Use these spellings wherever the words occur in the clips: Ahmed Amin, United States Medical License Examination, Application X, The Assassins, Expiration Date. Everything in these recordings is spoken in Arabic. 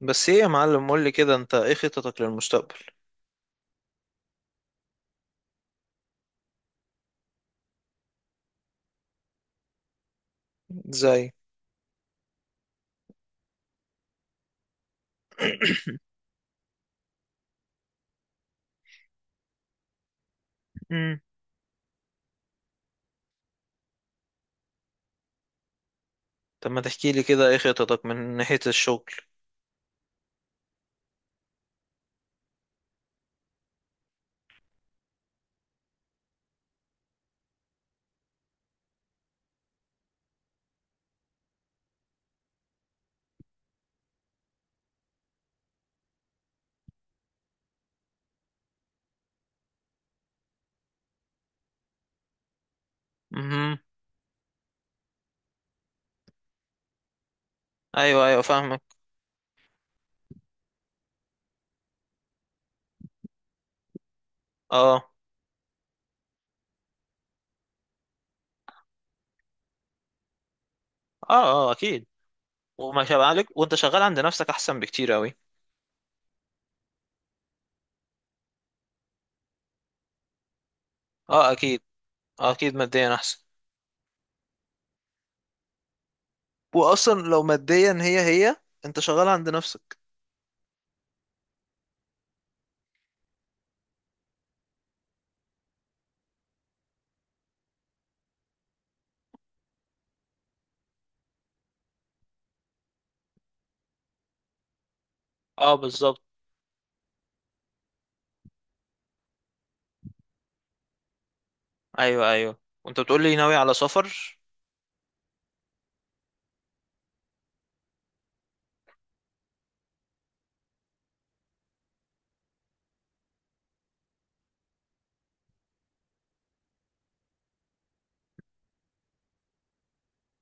بس ايه يا معلم، قول لي كده، انت ايه خططك للمستقبل؟ ازاي؟ مم. طب ما تحكي لي كده ايه خططك من ناحية الشغل؟ امم. ايوه ايوه، فاهمك. اه. اه. اه اكيد. وما شاء عليك، وانت شغال عند نفسك احسن بكتير قوي. اه اكيد. آه اكيد، ماديا احسن. واصلا لو ماديا هي، انت شغال عند نفسك. اه بالظبط. ايوه ايوه. وانت بتقول لي ناوي على سفر؟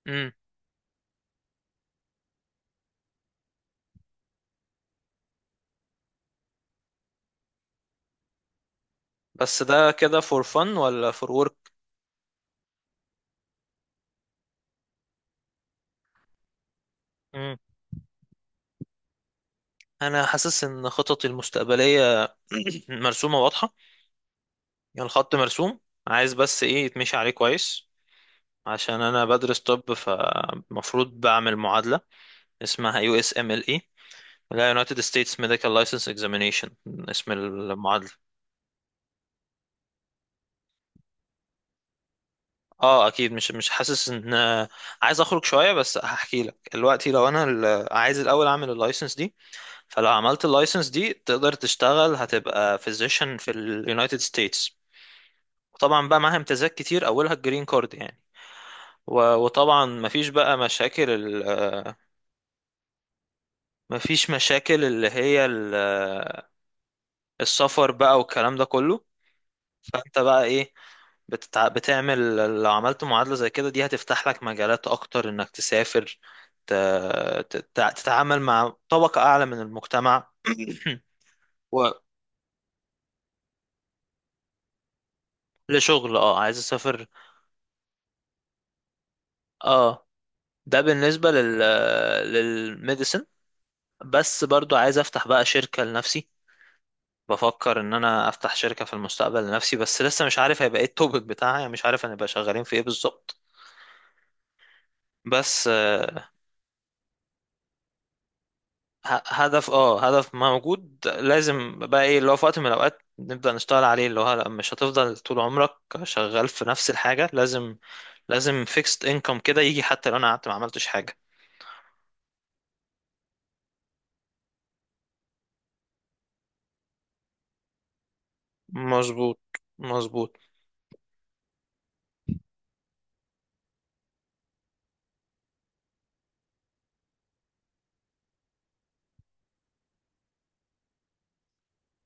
امم. بس ده كده فور فن ولا فور ورك؟ انا حاسس ان خططي المستقبليه مرسومه واضحه. يعني الخط مرسوم، عايز بس ايه يتمشي عليه كويس. عشان انا بدرس طب، فمفروض بعمل معادله اسمها يو اس ام ال اي، اللي هي United States Medical License Examination، اسم المعادله. اه اكيد. مش حاسس ان عايز اخرج شويه، بس هحكي لك دلوقتي. لو انا عايز الاول اعمل اللايسنس دي، فلو عملت اللايسنس دي تقدر تشتغل، هتبقى فيزيشن في اليونايتد ستيتس. وطبعا بقى معاها امتيازات كتير، اولها الجرين كارد يعني. وطبعا مفيش بقى مشاكل مفيش مشاكل اللي هي السفر بقى والكلام ده كله. فانت بقى ايه، بتعمل لو عملت معادلة زي كده، دي هتفتح لك مجالات اكتر انك تسافر، ت... تتعامل مع طبقة اعلى من المجتمع. ولشغل، اه عايز اسافر. اه. ده بالنسبة لل، للميديسن. بس برضو عايز افتح بقى شركة لنفسي. بفكر ان انا افتح شركة في المستقبل لنفسي، بس لسه مش عارف هيبقى ايه التوبيك بتاعها، يعني مش عارف هنبقى شغالين في ايه بالظبط. بس هدف اه، هدف موجود. لازم بقى ايه اللي هو في وقت من الاوقات نبدأ نشتغل عليه، اللي هو لأ، مش هتفضل طول عمرك شغال في نفس الحاجة. لازم، لازم فيكست انكم كده يجي، حتى لو انا قعدت ما عملتش حاجة. مظبوط، مظبوط.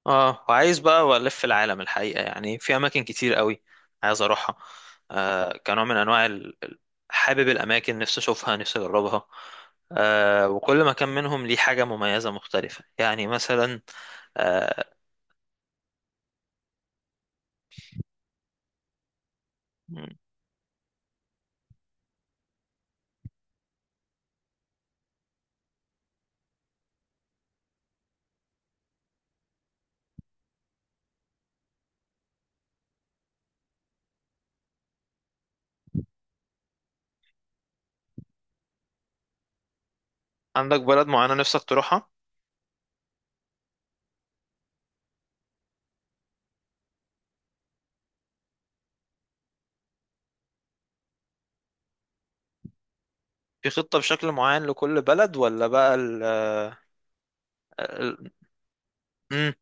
اه وعايز بقى الف العالم الحقيقه، يعني في اماكن كتير قوي عايز اروحها. آه كنوع من انواع حابب الاماكن، نفسي اشوفها، نفسي اجربها. آه، وكل مكان منهم ليه حاجه مميزه مختلفه، يعني مثلا آه. عندك بلد معينه نفسك تروحها؟ في خطه بشكل معين لكل بلد ولا بقى ال- مم.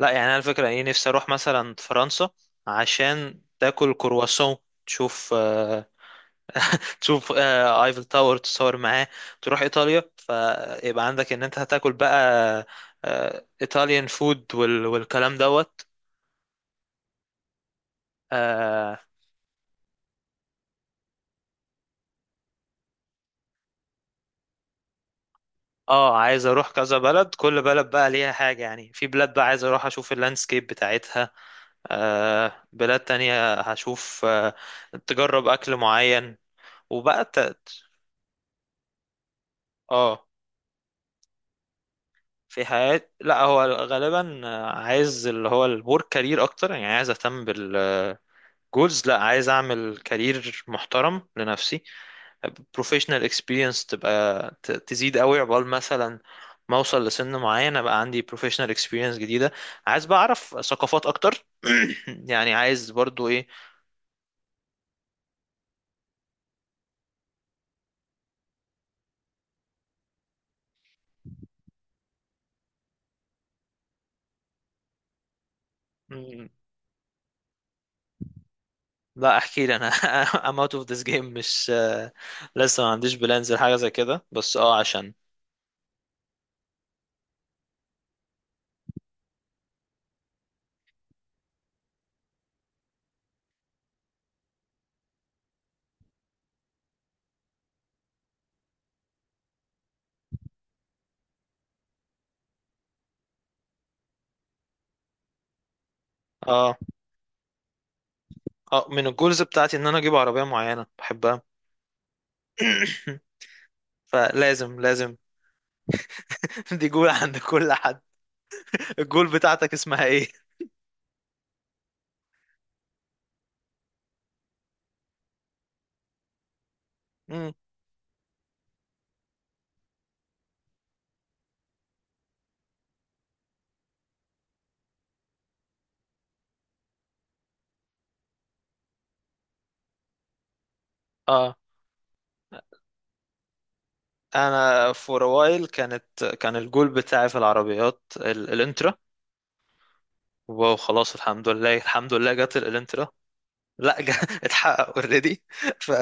لا يعني انا الفكره ايه، نفسي اروح مثلا فرنسا عشان تاكل كرواسون، تشوف ايفل تاور، تصور معاه. تروح ايطاليا، فيبقى عندك ان انت هتاكل بقى ايطاليان فود والكلام دوت. اه. آه، عايز اروح كذا بلد، كل بلد بقى ليها حاجة. يعني في بلاد بقى عايز اروح اشوف اللاندسكيب بتاعتها، آه بلاد تانية هشوف آه، تجرب اكل معين وبقى اه. في حياة، لا هو غالبا آه، عايز اللي هو الورك كارير اكتر. يعني عايز اهتم بال جولز، لا عايز اعمل كارير محترم لنفسي. بروفيشنال اكسبيرينس تبقى تزيد قوي، عقبال مثلا ما اوصل لسن معين ابقى عندي بروفيشنال اكسبيرينس جديده. عايز بقى اعرف ثقافات اكتر. يعني عايز برضو ايه. مم، لا احكي لي انا. I'm out of this game. مش آه، لسه ما عنديش بلانز لحاجه زي كده، بس اه عشان. اه. اه من الجولز بتاعتي ان انا اجيب عربيه معينه بحبها. فلازم، لازم. دي جول عند كل حد. الجول بتاعتك اسمها ايه؟ مم. اه انا فور وايل، كان الجول بتاعي في العربيات الانترا. واو، خلاص الحمد لله، الحمد لله، جت الانترا. لا جا، اتحقق اوريدي. ف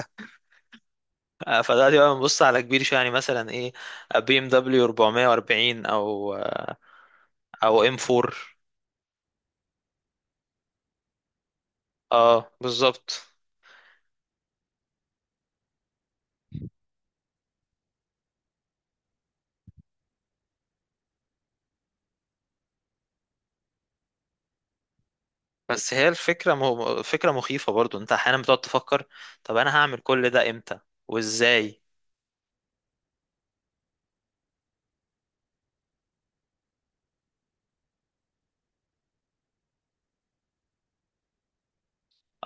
آه، فدلوقتي بقى بنبص على كبير شويه، يعني مثلا ايه، بي ام دبليو 440 او آه، او ام 4. اه بالظبط. بس هي فكره مخيفه برضو، انت احيانا بتقعد تفكر طب انا هعمل كل ده امتى وازاي.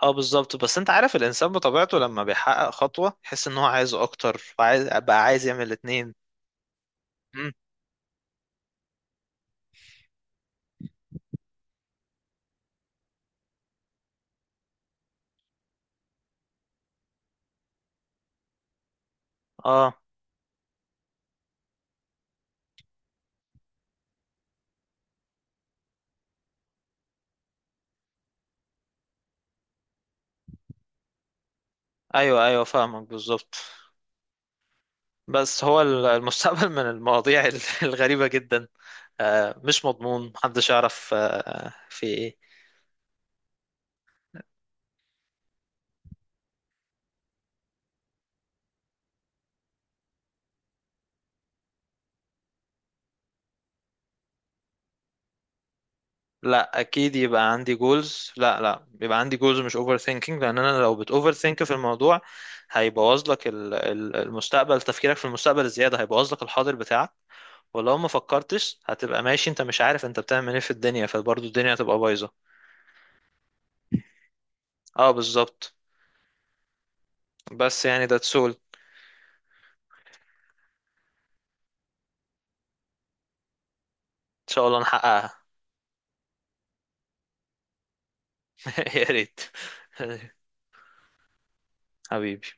اه بالظبط. بس انت عارف الانسان بطبيعته لما بيحقق خطوة يحس ان هو عايز اكتر، وعايز بقى، عايز يعمل الاتنين. مم. اه. ايوه ايوه، فاهمك بالظبط. بس هو المستقبل من المواضيع الغريبة جدا. آه، مش مضمون، محدش يعرف آه في ايه. لا اكيد يبقى عندي جولز، لا لا، يبقى عندي جولز مش اوفر ثينكينج. لان انا لو بت اوفر ثينك في الموضوع هيبوظ لك المستقبل. تفكيرك في المستقبل الزيادة هيبوظ لك الحاضر بتاعك. ولو ما فكرتش هتبقى ماشي انت مش عارف انت بتعمل ايه في الدنيا، فبرضه الدنيا هتبقى بايظه. اه بالظبط. بس يعني ده تسول ان شاء الله نحققها. يا ريت. حبيبي.